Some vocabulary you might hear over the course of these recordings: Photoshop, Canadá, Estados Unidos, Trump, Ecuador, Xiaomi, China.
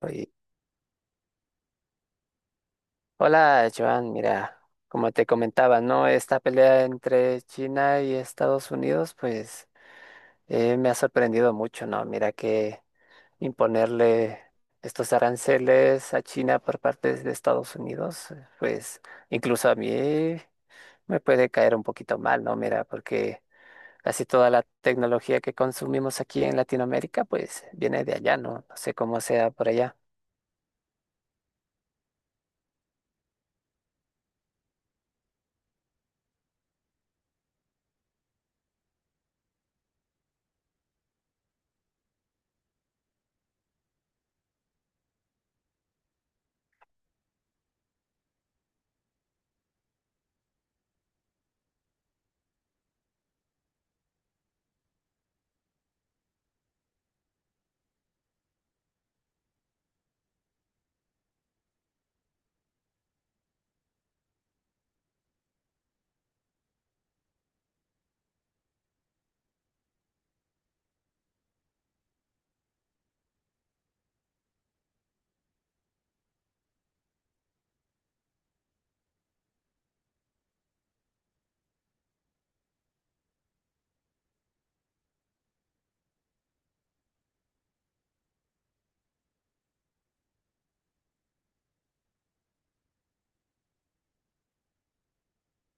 Oye, hola, Joan. Mira, como te comentaba, ¿no? Esta pelea entre China y Estados Unidos, pues me ha sorprendido mucho, ¿no? Mira que imponerle estos aranceles a China por parte de Estados Unidos, pues incluso a mí me puede caer un poquito mal, ¿no? Mira, porque casi toda la tecnología que consumimos aquí en Latinoamérica, pues viene de allá, ¿no? No sé cómo sea por allá.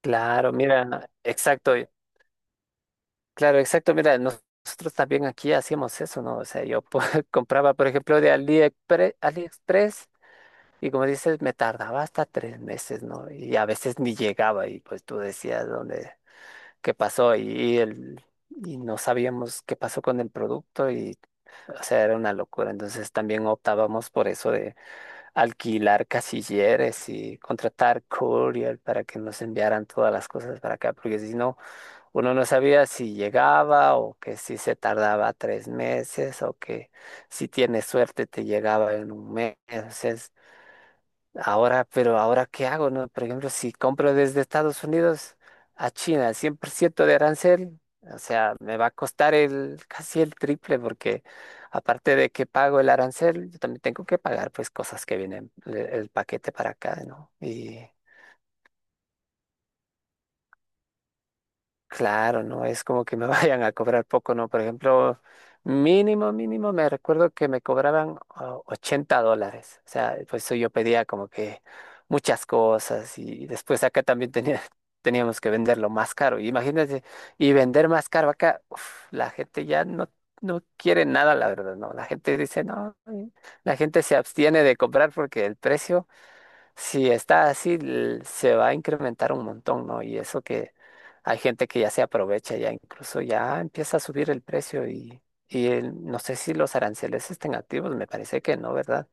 Claro, mira, exacto. Claro, exacto. Mira, nosotros también aquí hacíamos eso, ¿no? O sea, compraba, por ejemplo, de AliExpress, y como dices, me tardaba hasta 3 meses, ¿no? Y a veces ni llegaba y pues tú decías dónde, qué pasó y y no sabíamos qué pasó con el producto y, o sea, era una locura. Entonces también optábamos por eso de alquilar casilleres y contratar courier para que nos enviaran todas las cosas para acá, porque si no... Uno no sabía si llegaba o que si se tardaba 3 meses o que si tienes suerte te llegaba en 1 mes. Es- Ahora, pero ahora ¿qué hago, no? Por ejemplo, si compro desde Estados Unidos a China, 100% de arancel, o sea, me va a costar el casi el triple porque aparte de que pago el arancel, yo también tengo que pagar pues cosas que vienen el paquete para acá, ¿no? Claro, no es como que me vayan a cobrar poco, ¿no? Por ejemplo, mínimo, mínimo, me recuerdo que me cobraban $80. O sea, pues eso yo pedía como que muchas cosas y después acá también tenía, teníamos que venderlo más caro. Imagínate, y vender más caro acá, uf, la gente ya no, no quiere nada, la verdad, ¿no? La gente dice, no, la gente se abstiene de comprar porque el precio... Si está así, se va a incrementar un montón, ¿no? Y eso que hay gente que ya se aprovecha, ya incluso ya empieza a subir el precio y no sé si los aranceles estén activos, me parece que no, ¿verdad?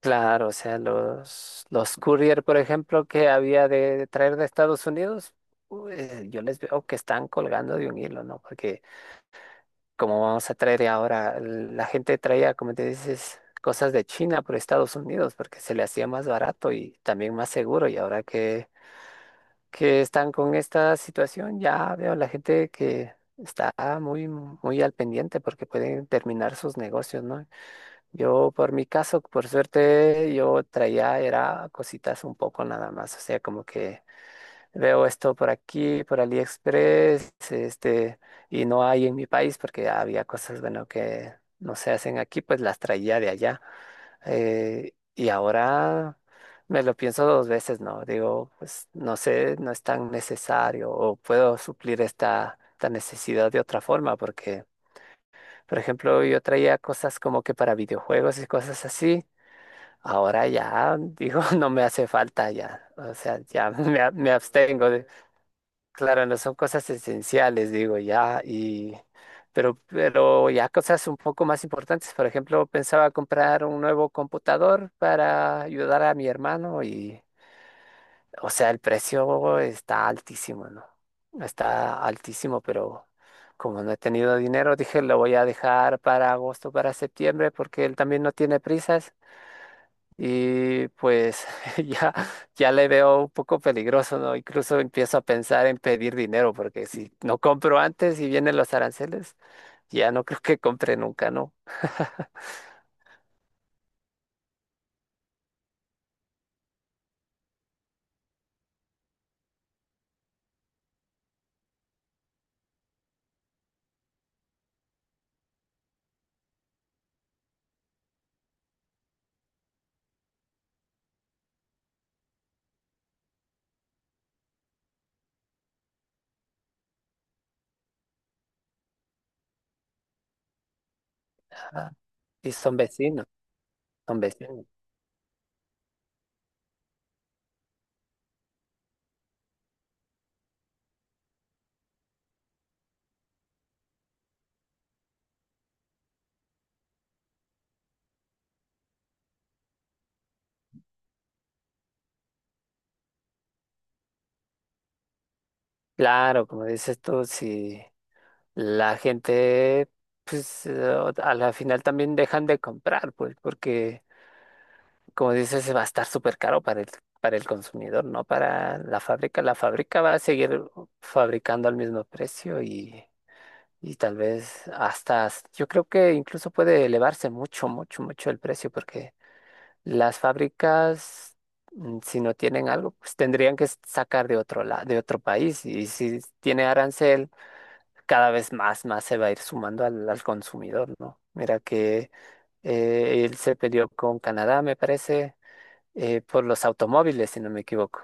Claro, o sea, los courier, por ejemplo, que había de traer de Estados Unidos, yo les veo que están colgando de un hilo, ¿no? Porque como vamos a traer ahora, la gente traía, como te dices, cosas de China por Estados Unidos porque se le hacía más barato y también más seguro. Y ahora que están con esta situación, ya veo la gente que está muy, muy al pendiente porque pueden terminar sus negocios, ¿no? Yo, por mi caso, por suerte, yo traía, era cositas un poco nada más, o sea, como que... Veo esto por aquí, por AliExpress, este, y no hay en mi país porque había cosas, bueno, que no se hacen aquí, pues las traía de allá. Y ahora me lo pienso dos veces, ¿no? Digo, pues no sé, no es tan necesario o puedo suplir esta necesidad de otra forma porque, por ejemplo, yo traía cosas como que para videojuegos y cosas así. Ahora ya digo, no me hace falta ya, o sea, ya me abstengo. Claro, no son cosas esenciales, digo, ya, y pero ya cosas un poco más importantes. Por ejemplo, pensaba comprar un nuevo computador para ayudar a mi hermano y, o sea, el precio está altísimo, ¿no? Está altísimo, pero como no he tenido dinero, dije, lo voy a dejar para agosto, para septiembre, porque él también no tiene prisas. Y pues ya, ya le veo un poco peligroso, ¿no? Incluso empiezo a pensar en pedir dinero, porque si no compro antes y vienen los aranceles, ya no creo que compre nunca, ¿no? Ah, y son vecinos, son vecinos. Claro, como dices tú, si la gente, pues a la final también dejan de comprar, pues porque como dices, va a estar súper caro para el consumidor, no para la fábrica. La fábrica va a seguir fabricando al mismo precio y tal vez hasta, yo creo que incluso puede elevarse mucho, mucho, mucho el precio porque las fábricas, si no tienen algo, pues tendrían que sacar de otro de otro país y si tiene arancel, cada vez más, más se va a ir sumando al consumidor, ¿no? Mira que él se peleó con Canadá, me parece por los automóviles, si no me equivoco.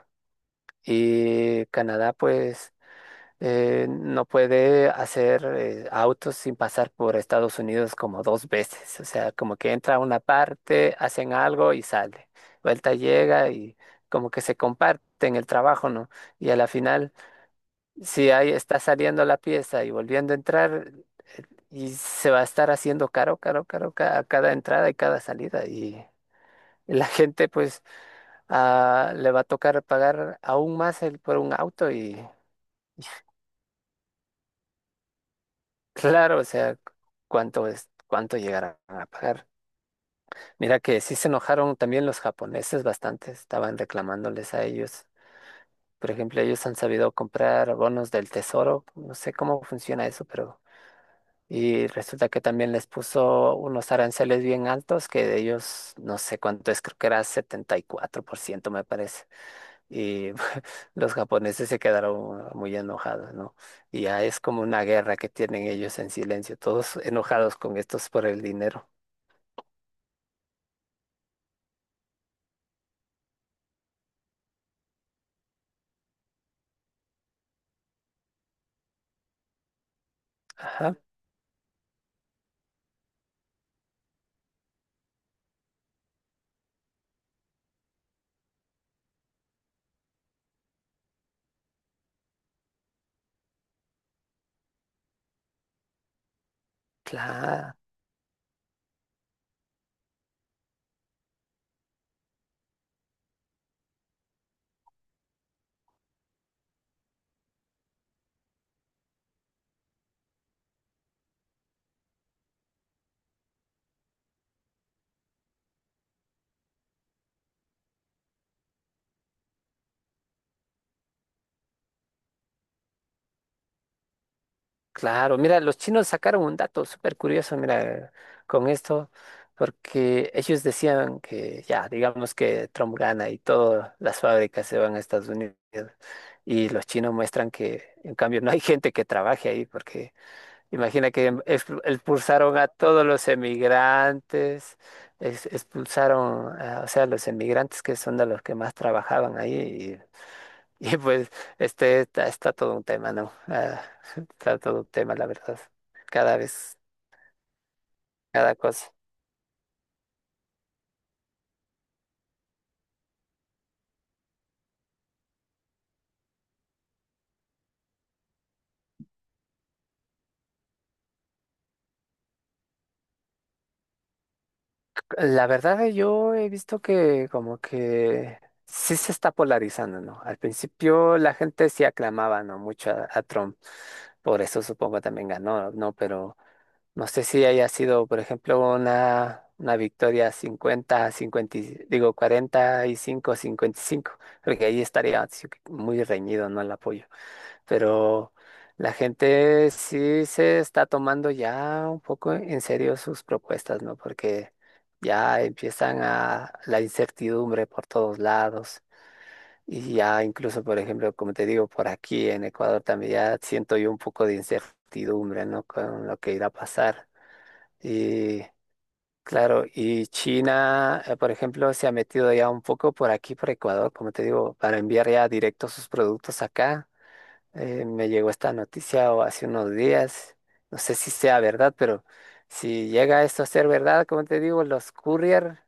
Y Canadá, pues, no puede hacer autos sin pasar por Estados Unidos como dos veces. O sea, como que entra a una parte, hacen algo y sale. Vuelta llega y como que se comparten el trabajo, ¿no? Y a la final, si ahí está saliendo la pieza y volviendo a entrar, eh, y se va a estar haciendo caro, caro, caro a cada entrada y cada salida. Y la gente, pues le va a tocar pagar aún más por un auto y claro, o sea, cuánto es, cuánto llegarán a pagar. Mira que sí se enojaron también los japoneses bastante, estaban reclamándoles a ellos. Por ejemplo, ellos han sabido comprar bonos del tesoro, no sé cómo funciona eso, pero y resulta que también les puso unos aranceles bien altos que de ellos no sé cuánto es, creo que era 74% me parece. Y los japoneses se quedaron muy enojados, ¿no? Y ya es como una guerra que tienen ellos en silencio, todos enojados con estos por el dinero. Ajá, claro, claro. Mira, los chinos sacaron un dato súper curioso, mira, con esto, porque ellos decían que ya, digamos que Trump gana y todas las fábricas se van a Estados Unidos. Y los chinos muestran que, en cambio, no hay gente que trabaje ahí porque imagina que expulsaron a todos los emigrantes, expulsaron, o sea, los emigrantes que son de los que más trabajaban ahí. Y pues este está todo un tema, ¿no? Ah, está todo un tema, la verdad. Cada vez, cada cosa. La verdad, yo he visto que como que sí se está polarizando, ¿no? Al principio la gente sí aclamaba, ¿no? Mucho a Trump. Por eso supongo también ganó, ¿no? Pero no sé si haya sido, por ejemplo, una victoria 50-50, digo 45-55, porque ahí estaría sí que muy reñido, ¿no? El apoyo. Pero la gente sí se está tomando ya un poco en serio sus propuestas, ¿no? Porque ya empiezan a la incertidumbre por todos lados. Y ya incluso, por ejemplo, como te digo, por aquí en Ecuador también ya siento yo un poco de incertidumbre, ¿no? Con lo que irá a pasar. Y claro, y China, por ejemplo, se ha metido ya un poco por aquí, por Ecuador, como te digo, para enviar ya directo sus productos acá. Me llegó esta noticia o hace unos días, no sé si sea verdad, pero si llega esto a ser verdad, como te digo, los courier,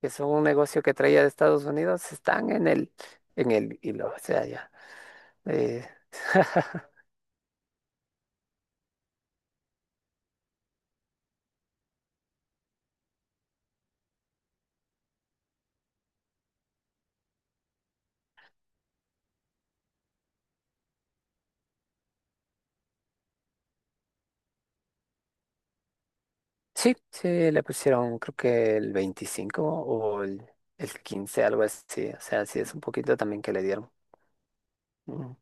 que son un negocio que traía de Estados Unidos, están en el hilo, o sea, ya. eh, Sí, sí, le pusieron creo que el 25 o el 15, algo así. O sea, sí es un poquito también que le dieron. Mm.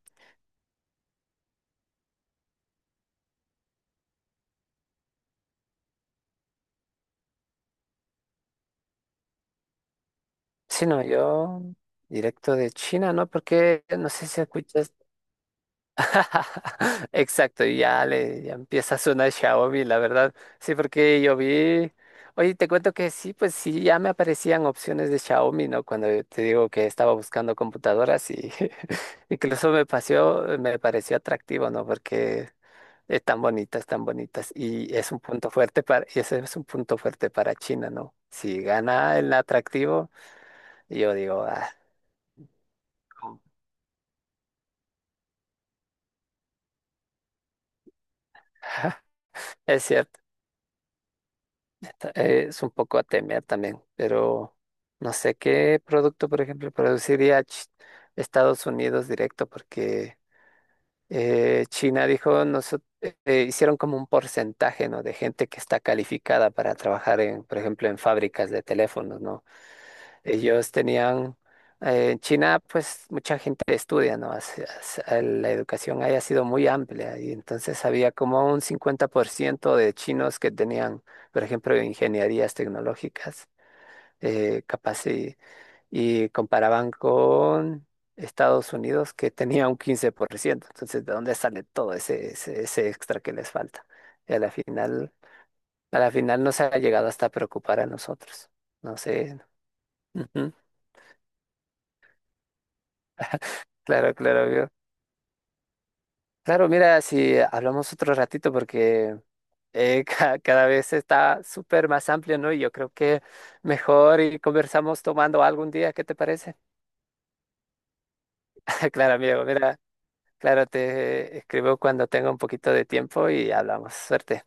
Sí, no, yo directo de China, ¿no? Porque no sé si escuchas. Exacto, y ya empieza a sonar Xiaomi, la verdad. Sí, porque yo vi. Oye, te cuento que sí, pues sí, ya me aparecían opciones de Xiaomi, ¿no? Cuando te digo que estaba buscando computadoras y incluso me pareció atractivo, ¿no? Porque están bonitas, están bonitas. Y es un punto fuerte para, y ese es un punto fuerte para China, ¿no? Si gana el atractivo, yo digo, ah, ¿cómo? Es cierto, es un poco a temer también, pero no sé qué producto, por ejemplo, produciría Estados Unidos directo, porque China dijo, nosotros hicieron como un porcentaje, ¿no? De gente que está calificada para trabajar en, por ejemplo, en fábricas de teléfonos, ¿no? Ellos tenían, en China pues mucha gente estudia, ¿no? La educación haya sido muy amplia y entonces había como un 50% de chinos que tenían, por ejemplo, ingenierías tecnológicas, capaz y comparaban con Estados Unidos que tenía un 15%. Entonces, ¿de dónde sale todo ese extra que les falta? Y a la final nos ha llegado hasta preocupar a nosotros. No sé. Ujú. Claro, claro. Claro, mira, si hablamos otro ratito, porque cada vez está súper más amplio, ¿no? Y yo creo que mejor y conversamos tomando algún día, ¿qué te parece? Claro, amigo, mira, claro, te escribo cuando tenga un poquito de tiempo y hablamos. Suerte.